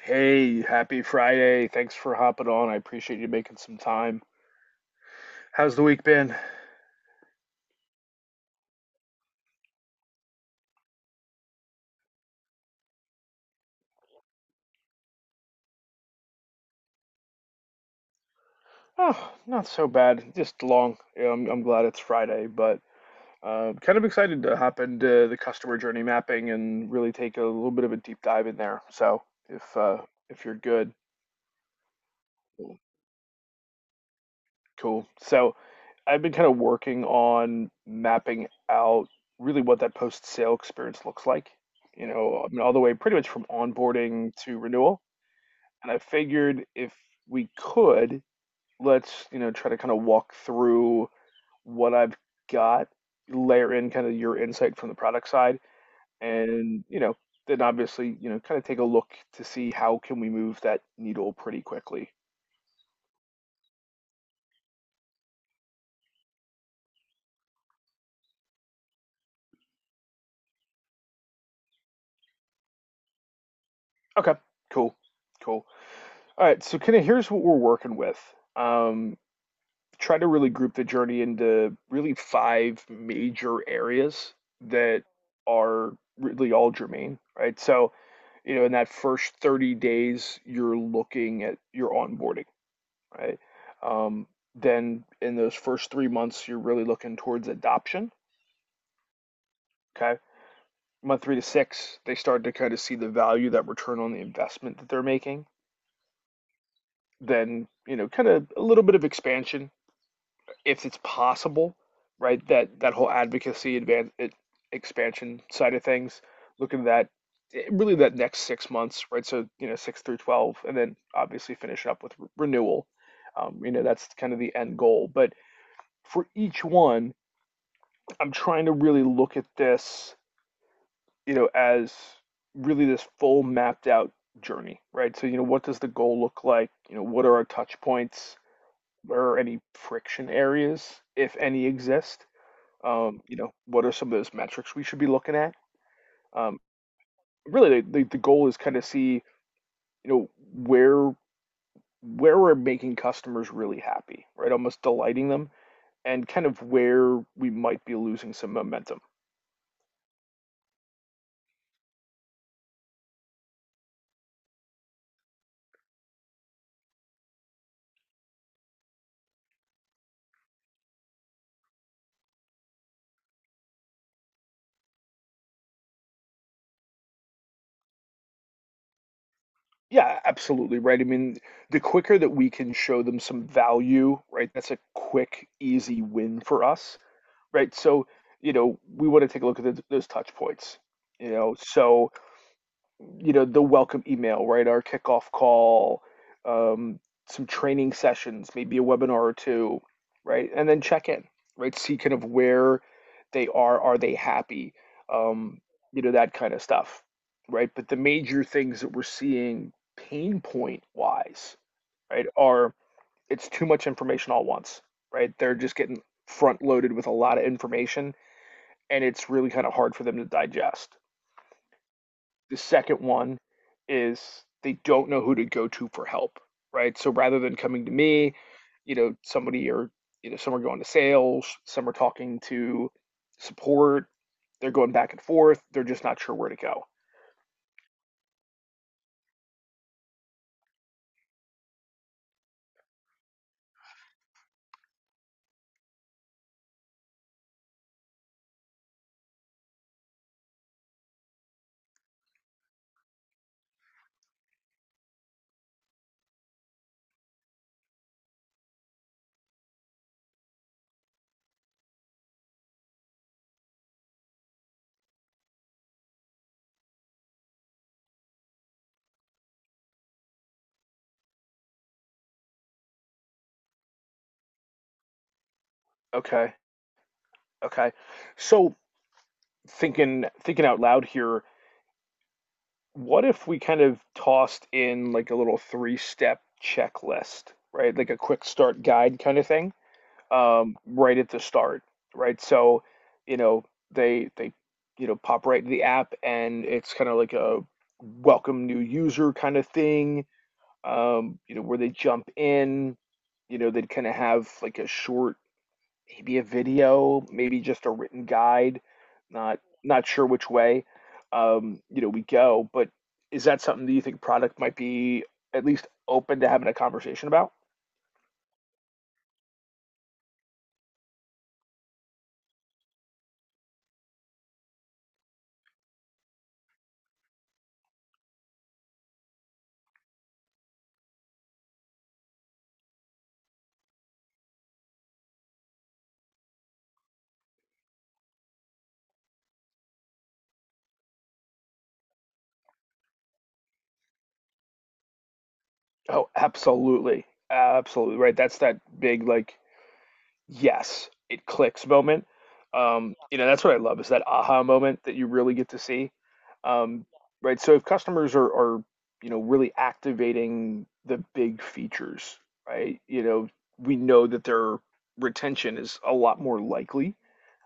Hey, happy Friday. Thanks for hopping on. I appreciate you making some time. How's the week been? Oh, not so bad. Just long. Yeah, I'm glad it's Friday, but kind of excited to hop into the customer journey mapping and really take a little bit of a deep dive in there. So if uh, if you're good, cool. So I've been kind of working on mapping out really what that post-sale experience looks like. You know, I mean, all the way pretty much from onboarding to renewal. And I figured if we could, let's, you know, try to kind of walk through what I've got, layer in kind of your insight from the product side, and, you know, then obviously, you know, kind of take a look to see how can we move that needle pretty quickly. Okay, cool, cool. All right, so kind of here's what we're working with. Um, Try to really group the journey into really five major areas that are really all germane, right? So, you know, in that first 30 days, you're looking at your onboarding, right? Um, then in those first 3 months, you're really looking towards adoption, okay? Month three to six, they start to kind of see the value, that return on the investment that they're making. Then, you know, kind of a little bit of expansion, if it's possible, right? That whole advocacy advance it, expansion side of things, looking at that really that next 6 months, right? So you know 6 through 12, and then obviously finish up with renewal. You know that's kind of the end goal. But for each one, I'm trying to really look at this, you know, as really this full mapped out journey, right? So you know what does the goal look like? You know what are our touch points? Where are any friction areas, if any exist? You know, what are some of those metrics we should be looking at? Um, Really, the goal is kind of see, you know, where we're making customers really happy, right? Almost delighting them, and kind of where we might be losing some momentum. Yeah, absolutely, right? I mean, the quicker that we can show them some value, right? That's a quick, easy win for us, right? So, you know, we want to take a look at th those touch points, you know. You know, the welcome email, right? Our kickoff call, um, some training sessions, maybe a webinar or two, right? And then check in, right? See kind of where they are. Are they happy? Um, you know, that kind of stuff, right? But the major things that we're seeing pain point wise, right, are it's too much information all once, right? They're just getting front loaded with a lot of information and it's really kind of hard for them to digest the second one is they don't know who to go to for help, right? So rather than coming to me, you know, somebody or, you know, some are going to sales, some are talking to support, they're going back and forth, they're just not sure where to go. Okay. Okay. So thinking out loud here, what if we kind of tossed in like a little three-step checklist, right? Like a quick start guide kind of thing? Right at the start, right? So, you know, they you know pop right into the app, and it's kind of like a welcome new user kind of thing. You know, where they jump in, you know, they'd kind of have like a short, maybe a video, maybe just a written guide. Not sure which way, you know, we go. But is that something that you think product might be at least open to having a conversation about? Oh, absolutely. Absolutely. Right. That's that big, like, yes, it clicks moment. You know, that's what I love is that aha moment that you really get to see. Um, right. So if customers you know, really activating the big features, right? You know, we know that their retention is a lot more likely.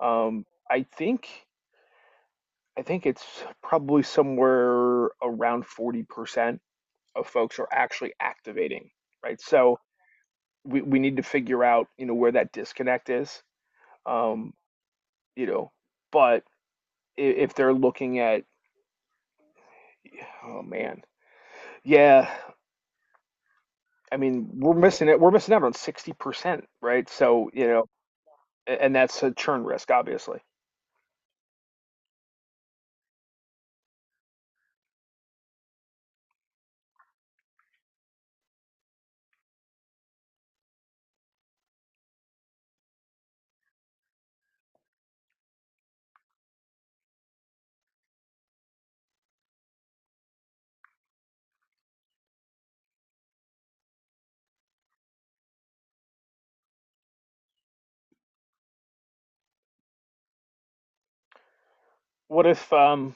Um, I think. I think it's probably somewhere around 40% of folks are actually activating, right? So we need to figure out, you know, where that disconnect is. Um, you know, but if they're looking at, oh man, yeah, I mean, we're missing it. We're missing out on 60%, right? So, you know, and that's a churn risk, obviously. What if, um,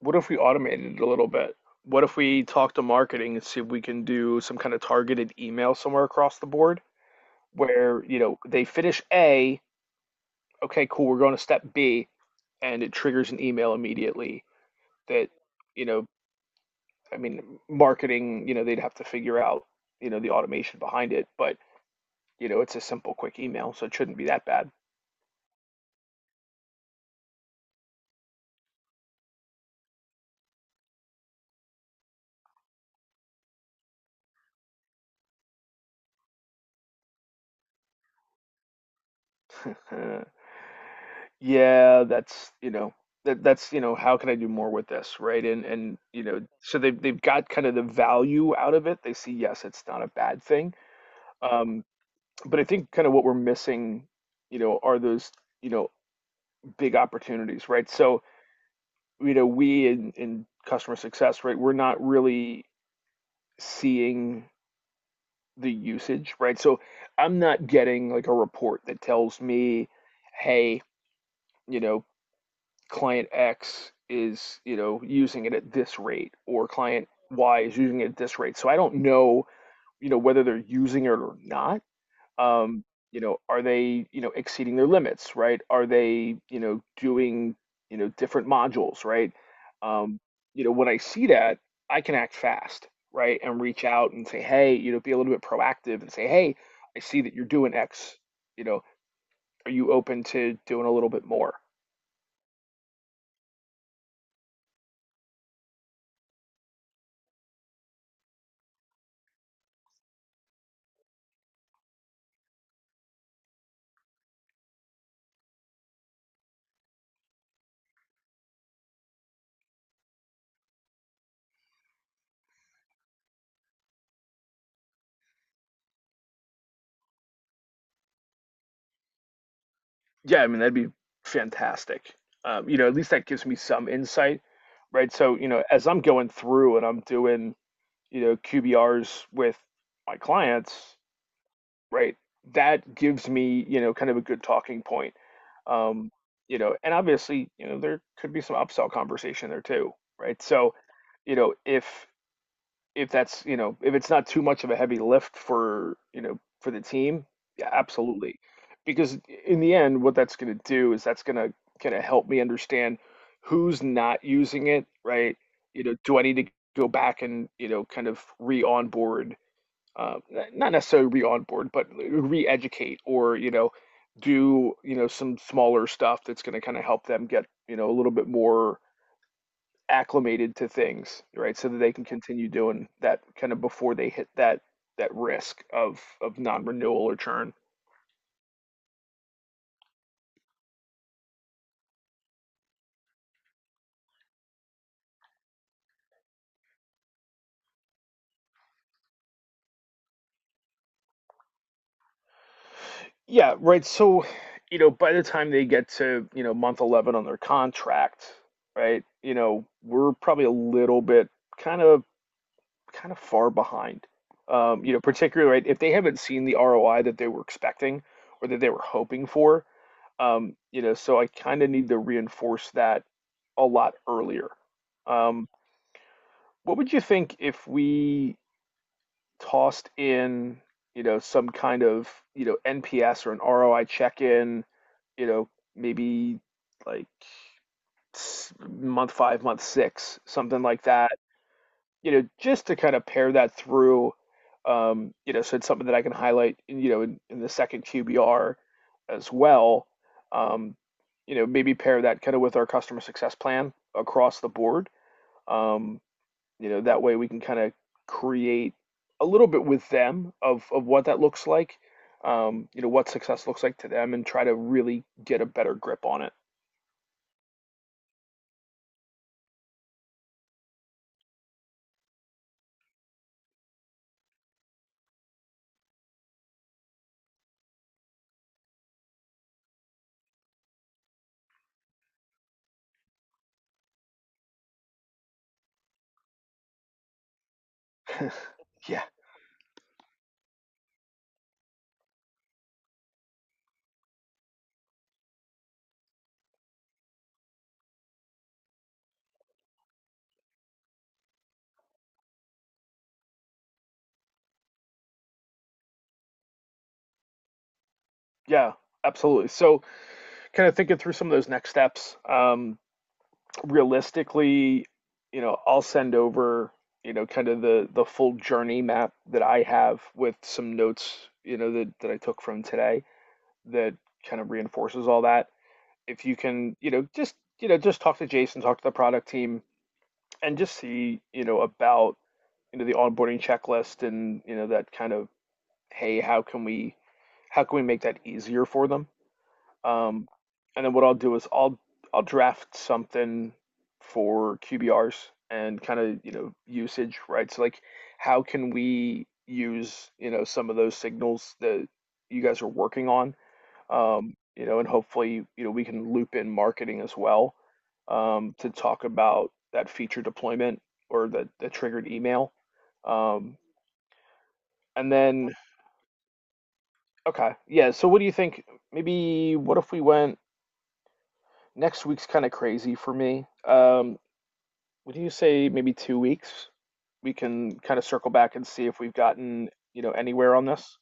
what if we automated it a little bit? What if we talk to marketing and see if we can do some kind of targeted email somewhere across the board? Where, you know, they finish A, okay, cool, we're going to step B, and it triggers an email immediately that, you know, I mean, marketing, you know, they'd have to figure out, you know, the automation behind it, but, you know, it's a simple, quick email, so it shouldn't be that bad. Uh, yeah, that's, you know, you know, how can I do more with this, right? And you know, so they've got kind of the value out of it. They see, yes, it's not a bad thing. Um, but I think kind of what we're missing, you know, are those, you know, big opportunities, right? So, you know, we in customer success, right, we're not really seeing the usage, right? So I'm not getting like a report that tells me, hey, you know, client X is, you know, using it at this rate or client Y is using it at this rate. So I don't know, you know, whether they're using it or not. Um, you know, are they, you know, exceeding their limits, right? Are they, you know, doing, you know, different modules, right? Um, you know, when I see that, I can act fast, right? And reach out and say, hey, you know, be a little bit proactive and say, hey, I see that you're doing X, you know, are you open to doing a little bit more? Yeah, I mean, that'd be fantastic. You know, at least that gives me some insight, right? So, you know, as I'm going through and I'm doing, you know, QBRs with my clients, right? That gives me, you know, kind of a good talking point. Um, you know, and obviously, you know, there could be some upsell conversation there too, right? So, you know, if that's, you know, if it's not too much of a heavy lift for, you know, for the team, yeah, absolutely. Because in the end, what that's going to do is that's going to kind of help me understand who's not using it, right? You know, do I need to go back and, you know, kind of re-onboard, uh, not necessarily re-onboard, but re-educate or, you know, do, you know, some smaller stuff that's going to kind of help them get, you know, a little bit more acclimated to things, right? So that they can continue doing that kind of before they hit that risk of non-renewal or churn. Yeah, right. So, you know, by the time they get to, you know, month 11 on their contract, right? You know, we're probably a little bit kind of kind of far behind. You know, particularly right if they haven't seen the ROI that they were expecting or that they were hoping for. You know, so I kind of need to reinforce that a lot earlier. Um, What would you think if we tossed in, you know, some kind of, you know, NPS or an ROI check-in, you know, maybe like month five, month six, something like that, you know, just to kind of pair that through, you know, so it's something that I can highlight, you know, in the second QBR as well. Um, you know, maybe pair that kind of with our customer success plan across the board. Um, you know, that way we can kind of create a little bit with them of what that looks like, you know, what success looks like to them, and try to really get a better grip on it. Yeah, yeah, absolutely. So, kind of thinking through some of those next steps. Realistically, you know, I'll send over, you know, kind of the full journey map that I have with some notes, you know, that I took from today. That kind of reinforces all that. If you can, you know, just talk to Jason, talk to the product team, and just see, you know, about you know the onboarding checklist and you know that kind of hey, how can we make that easier for them? Um, and then what I'll do is I'll draft something for QBRs and kind of you know usage, right? So like, how can we use you know some of those signals that you guys are working on you know, and hopefully, you know, we can loop in marketing as well to talk about that feature deployment or the triggered email. Um, and then, okay, yeah. So, what do you think? Maybe what if we went next week's kind of crazy for me? Would you say maybe 2 weeks? We can kind of circle back and see if we've gotten, you know, anywhere on this.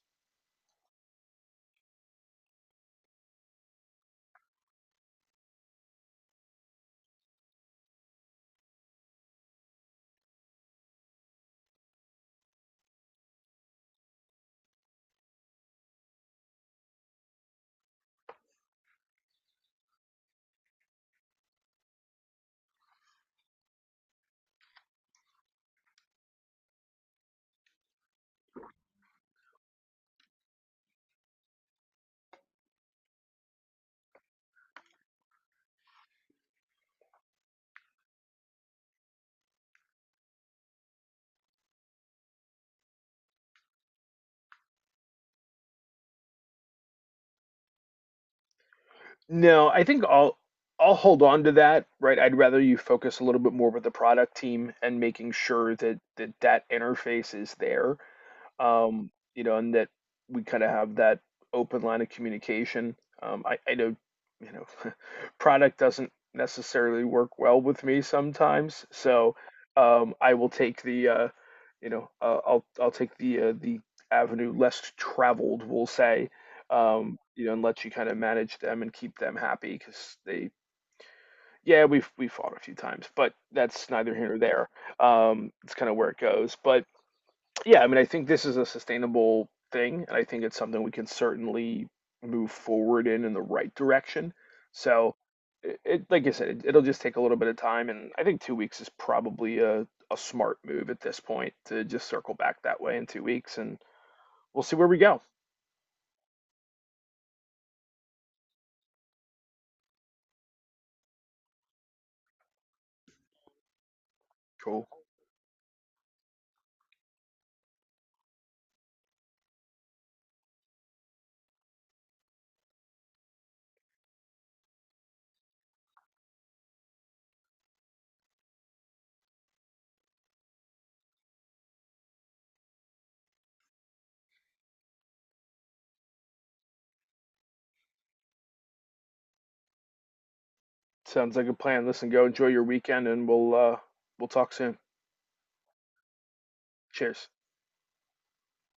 No, I think I'll hold on to that, right? I'd rather you focus a little bit more with the product team and making sure that that interface is there um, you know, and that we kind of have that open line of communication. I know, you know, product doesn't necessarily work well with me sometimes, so I will take you know, I'll take the avenue less traveled, we'll say, you know, and let you kind of manage them and keep them happy because they. Yeah, we fought a few times, but that's neither here nor there. It's kind of where it goes. But. Yeah, I mean, I think this is a sustainable thing, and I think it's something we can certainly move forward in the right direction. So, it like I said, it'll just take a little bit of time, and I think 2 weeks is probably a smart move at this point to just circle back that way in 2 weeks, and we'll see where we go. Cool. Sounds like a plan. Listen, go enjoy your weekend, and we'll talk soon. Cheers.